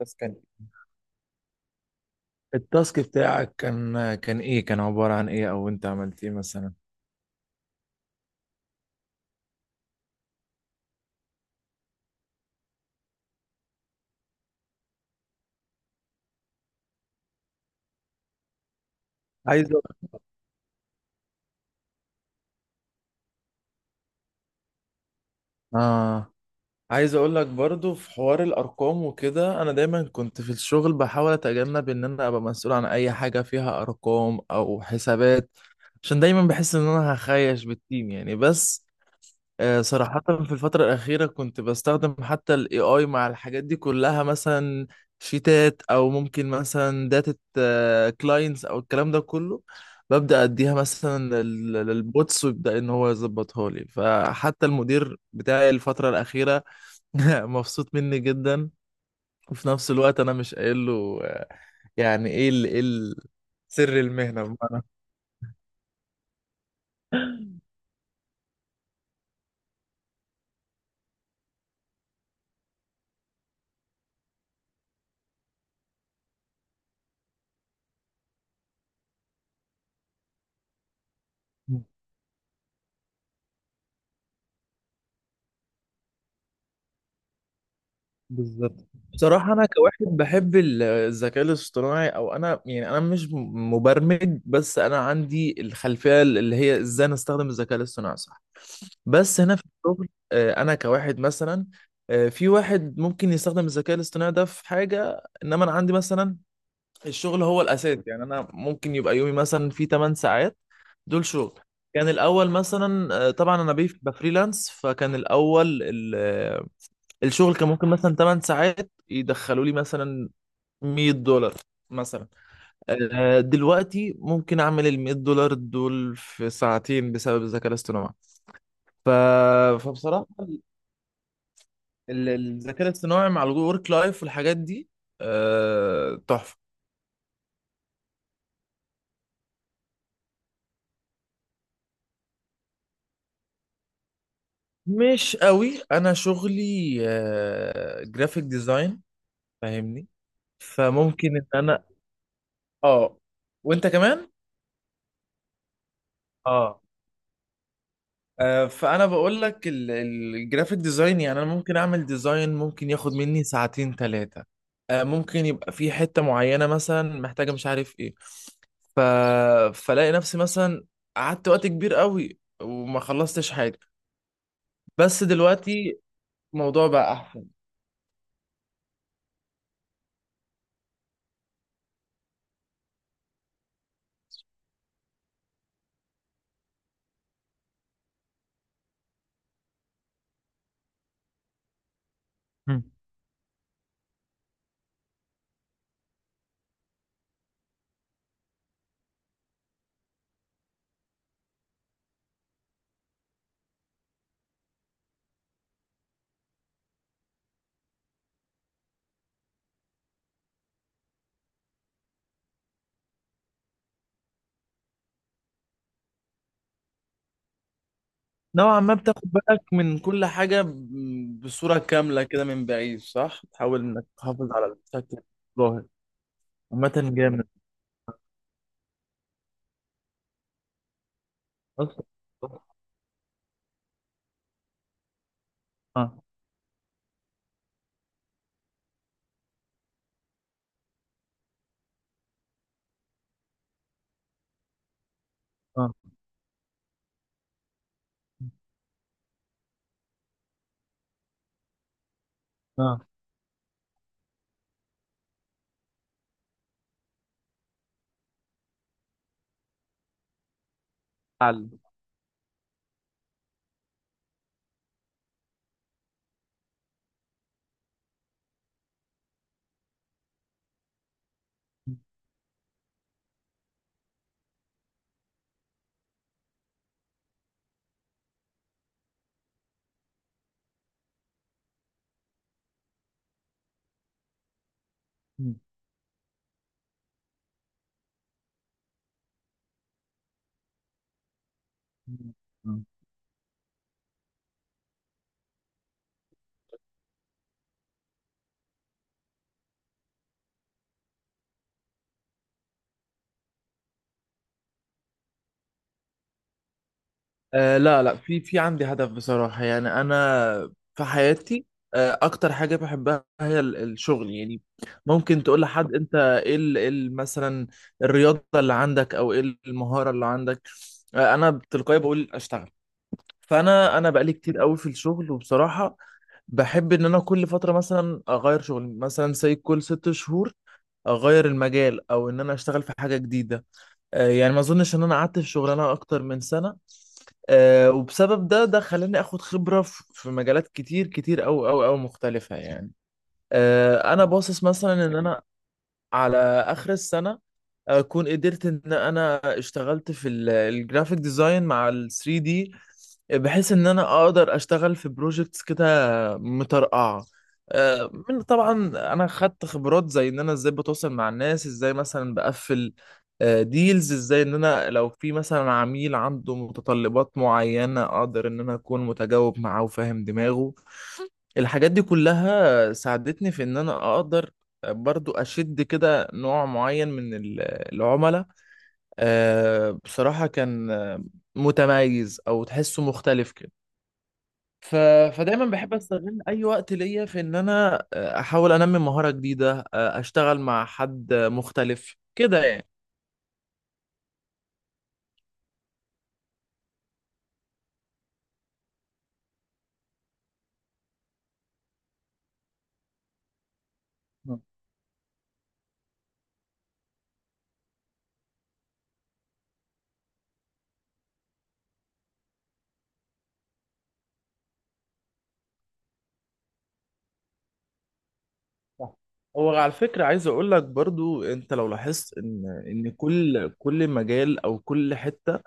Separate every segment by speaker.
Speaker 1: بس كان التاسك بتاعك كان كان ايه كان عبارة عن ايه، او انت عملت ايه مثلا؟ عايز اه عايز اقول لك برضو في حوار الارقام وكده، انا دايما كنت في الشغل بحاول اتجنب ان انا ابقى مسؤول عن اي حاجة فيها ارقام او حسابات، عشان دايما بحس ان انا هخيش بالتيم يعني. بس صراحة في الفترة الأخيرة كنت بستخدم حتى ال AI مع الحاجات دي كلها، مثلا شيتات، أو ممكن مثلا داتا كلاينتس، أو الكلام ده كله ببدأ أديها مثلا للبوتس ويبدأ إن هو يظبطها لي. فحتى المدير بتاعي الفترة الأخيرة مبسوط مني جدا، وفي نفس الوقت أنا مش قايل له. يعني إيه ال سر المهنة. بصراحة أنا كواحد بحب الذكاء الاصطناعي، أو أنا يعني أنا مش مبرمج، بس أنا عندي الخلفية اللي هي إزاي نستخدم الذكاء الاصطناعي صح. بس هنا في الشغل أنا كواحد مثلا، في واحد ممكن يستخدم الذكاء الاصطناعي ده في حاجة، إنما أنا عندي مثلا الشغل هو الأساس. يعني أنا ممكن يبقى يومي مثلا فيه 8 ساعات دول شغل. كان الأول مثلا، طبعا أنا بفريلانس، فكان الأول الشغل كان ممكن مثلا 8 ساعات يدخلوا لي مثلا $100 مثلا. دلوقتي ممكن اعمل ال $100 دول في ساعتين بسبب الذكاء الاصطناعي. ف... فبصراحه الذكاء الاصطناعي مع الورك لايف والحاجات دي تحفه. مش قوي، انا شغلي جرافيك ديزاين، فاهمني؟ فممكن ان انا اه وانت كمان اه فانا بقول لك الجرافيك ديزاين، يعني انا ممكن اعمل ديزاين ممكن ياخد مني ساعتين 3، ممكن يبقى في حته معينه مثلا محتاجه، مش عارف ايه. ف... فلاقي نفسي مثلا قعدت وقت كبير قوي وما خلصتش حاجه. بس دلوقتي الموضوع بقى احسن. مم. نوعا ما بتاخد بالك من كل حاجه بصوره كامله كده من بعيد، صح؟ تحاول انك تحافظ على الشكل الظاهر. عامه جامد أصلاً. اه، اه، اه. لا لا، في عندي هدف بصراحة. يعني أنا في حياتي أكتر حاجة بحبها هي الشغل يعني. ممكن تقول لحد أنت إيه ال- مثلا الرياضة اللي عندك، أو إيه المهارة اللي عندك، أنا بتلقائي بقول أشتغل. فأنا بقالي كتير قوي في الشغل، وبصراحة بحب إن أنا كل فترة مثلا أغير شغل، مثلا زي كل 6 شهور أغير المجال، أو إن أنا أشتغل في حاجة جديدة. يعني ما أظنش إن أنا قعدت في شغلانة أكتر من سنة. وبسبب ده خلاني اخد خبرة في مجالات كتير كتير او مختلفة يعني. انا باصص مثلا ان انا على اخر السنه اكون قدرت ان انا اشتغلت في الجرافيك ديزاين مع ال 3D دي، بحيث ان انا اقدر اشتغل في بروجكتس كده مترقعه. آه، من طبعا انا خدت خبرات، زي ان انا ازاي بتواصل مع الناس، ازاي مثلا بقفل ديلز، ازاي ان انا لو في مثلا عميل عنده متطلبات معينه اقدر ان انا اكون متجاوب معاه وفاهم دماغه. الحاجات دي كلها ساعدتني في ان انا اقدر برضو اشد كده نوع معين من العملاء. بصراحة كان متميز، او تحسه مختلف كده. ف... فدايما بحب استغل اي وقت ليا في ان انا احاول انمي مهارة جديدة، اشتغل مع حد مختلف كده يعني. صح. هو على فكرة عايز اقول لك برضو، انت لو لاحظت ان كل مجال او كل حتة،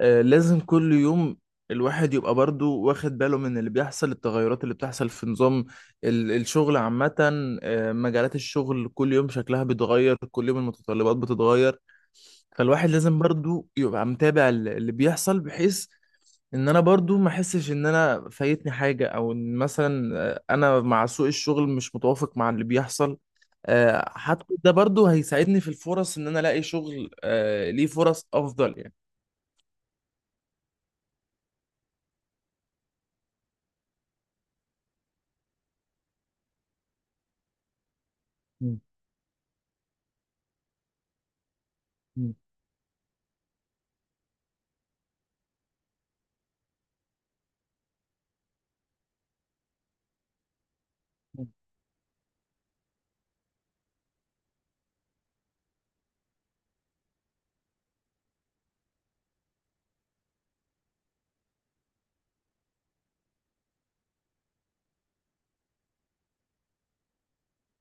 Speaker 1: لازم كل يوم الواحد يبقى برضو واخد باله من اللي بيحصل. التغيرات اللي بتحصل في نظام الشغل عامة، مجالات الشغل كل يوم شكلها بيتغير، كل يوم المتطلبات بتتغير، فالواحد لازم برضو يبقى متابع اللي بيحصل، بحيث ان انا برضو ما احسش ان انا فايتني حاجة، او ان مثلا انا مع سوق الشغل مش متوافق مع اللي بيحصل. حتى ده برضو هيساعدني في الفرص، ان انا الاقي شغل ليه فرص افضل يعني. مم.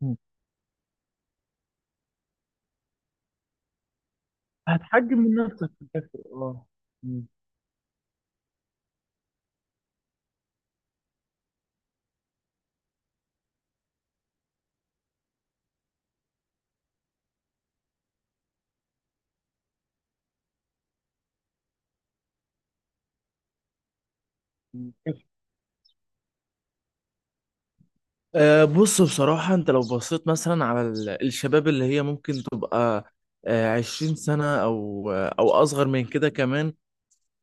Speaker 1: مم. هتحجم من نفسك في الاخر، اه. مم. مم. بص بصراحة، أنت لو بصيت مثلا على الشباب اللي هي ممكن تبقى 20 سنة، أو أصغر من كده كمان،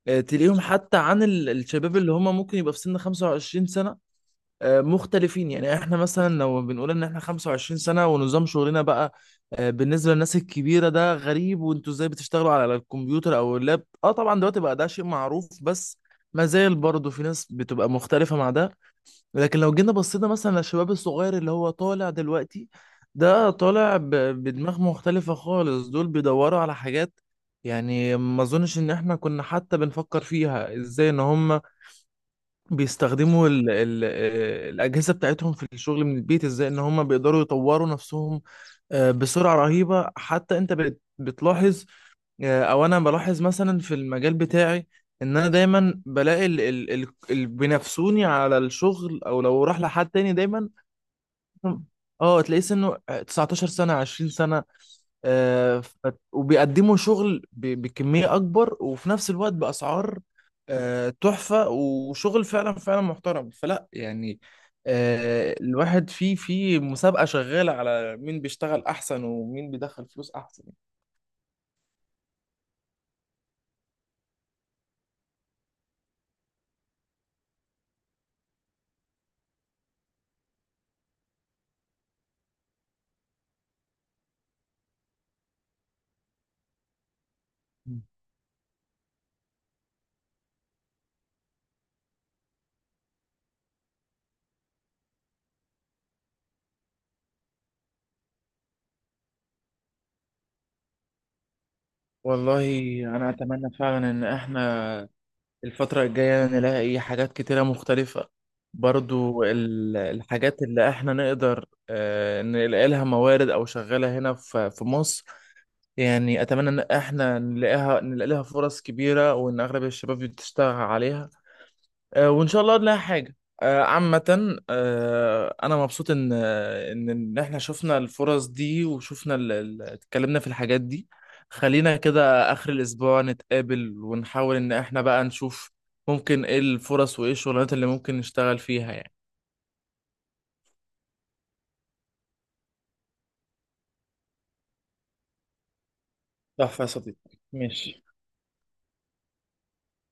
Speaker 1: تلاقيهم حتى عن الشباب اللي هم ممكن يبقى في سن 25 سنة مختلفين يعني. احنا مثلا لو بنقول ان احنا 25 سنة ونظام شغلنا بقى، بالنسبة للناس الكبيرة ده غريب. وانتوا ازاي بتشتغلوا على الكمبيوتر او اللاب؟ اه طبعا دلوقتي بقى ده شيء معروف، بس ما زال برضه في ناس بتبقى مختلفة مع ده. لكن لو جينا بصينا مثلا للشباب الصغير اللي هو طالع دلوقتي، ده طالع بدماغ مختلفة خالص. دول بيدوروا على حاجات يعني ما اظنش ان احنا كنا حتى بنفكر فيها. ازاي ان هم بيستخدموا ال ال الأجهزة بتاعتهم في الشغل من البيت، ازاي ان هم بيقدروا يطوروا نفسهم بسرعة رهيبة، حتى انت بتلاحظ. او انا بلاحظ مثلا في المجال بتاعي ان انا دايما بلاقي ال ال ال اللي بينافسوني على الشغل، او لو راح لحد تاني دايما اه تلاقيه سنه 19 سنة 20 سنة. وبيقدموا شغل بكمية أكبر، وفي نفس الوقت بأسعار تحفة، وشغل فعلا فعلا محترم، فلا يعني. الواحد في مسابقة شغالة على مين بيشتغل أحسن ومين بيدخل فلوس أحسن. والله أنا أتمنى فعلا إن إحنا الفترة الجاية نلاقي حاجات كتيرة مختلفة، برضو الحاجات اللي احنا نقدر نلاقي لها موارد، او شغالة هنا في مصر يعني. اتمنى ان احنا نلاقي لها فرص كبيرة، وان اغلب الشباب بتشتغل عليها. وان شاء الله نلاقي حاجه. عامه انا مبسوط ان آه، ان إن احنا شفنا الفرص دي وشفنا اتكلمنا في الحاجات دي. خلينا كده اخر الاسبوع نتقابل ونحاول ان احنا بقى نشوف ممكن ايه الفرص، وايه الشغلانات اللي ممكن نشتغل فيها يعني. تحفة يا صديقي. ماشي.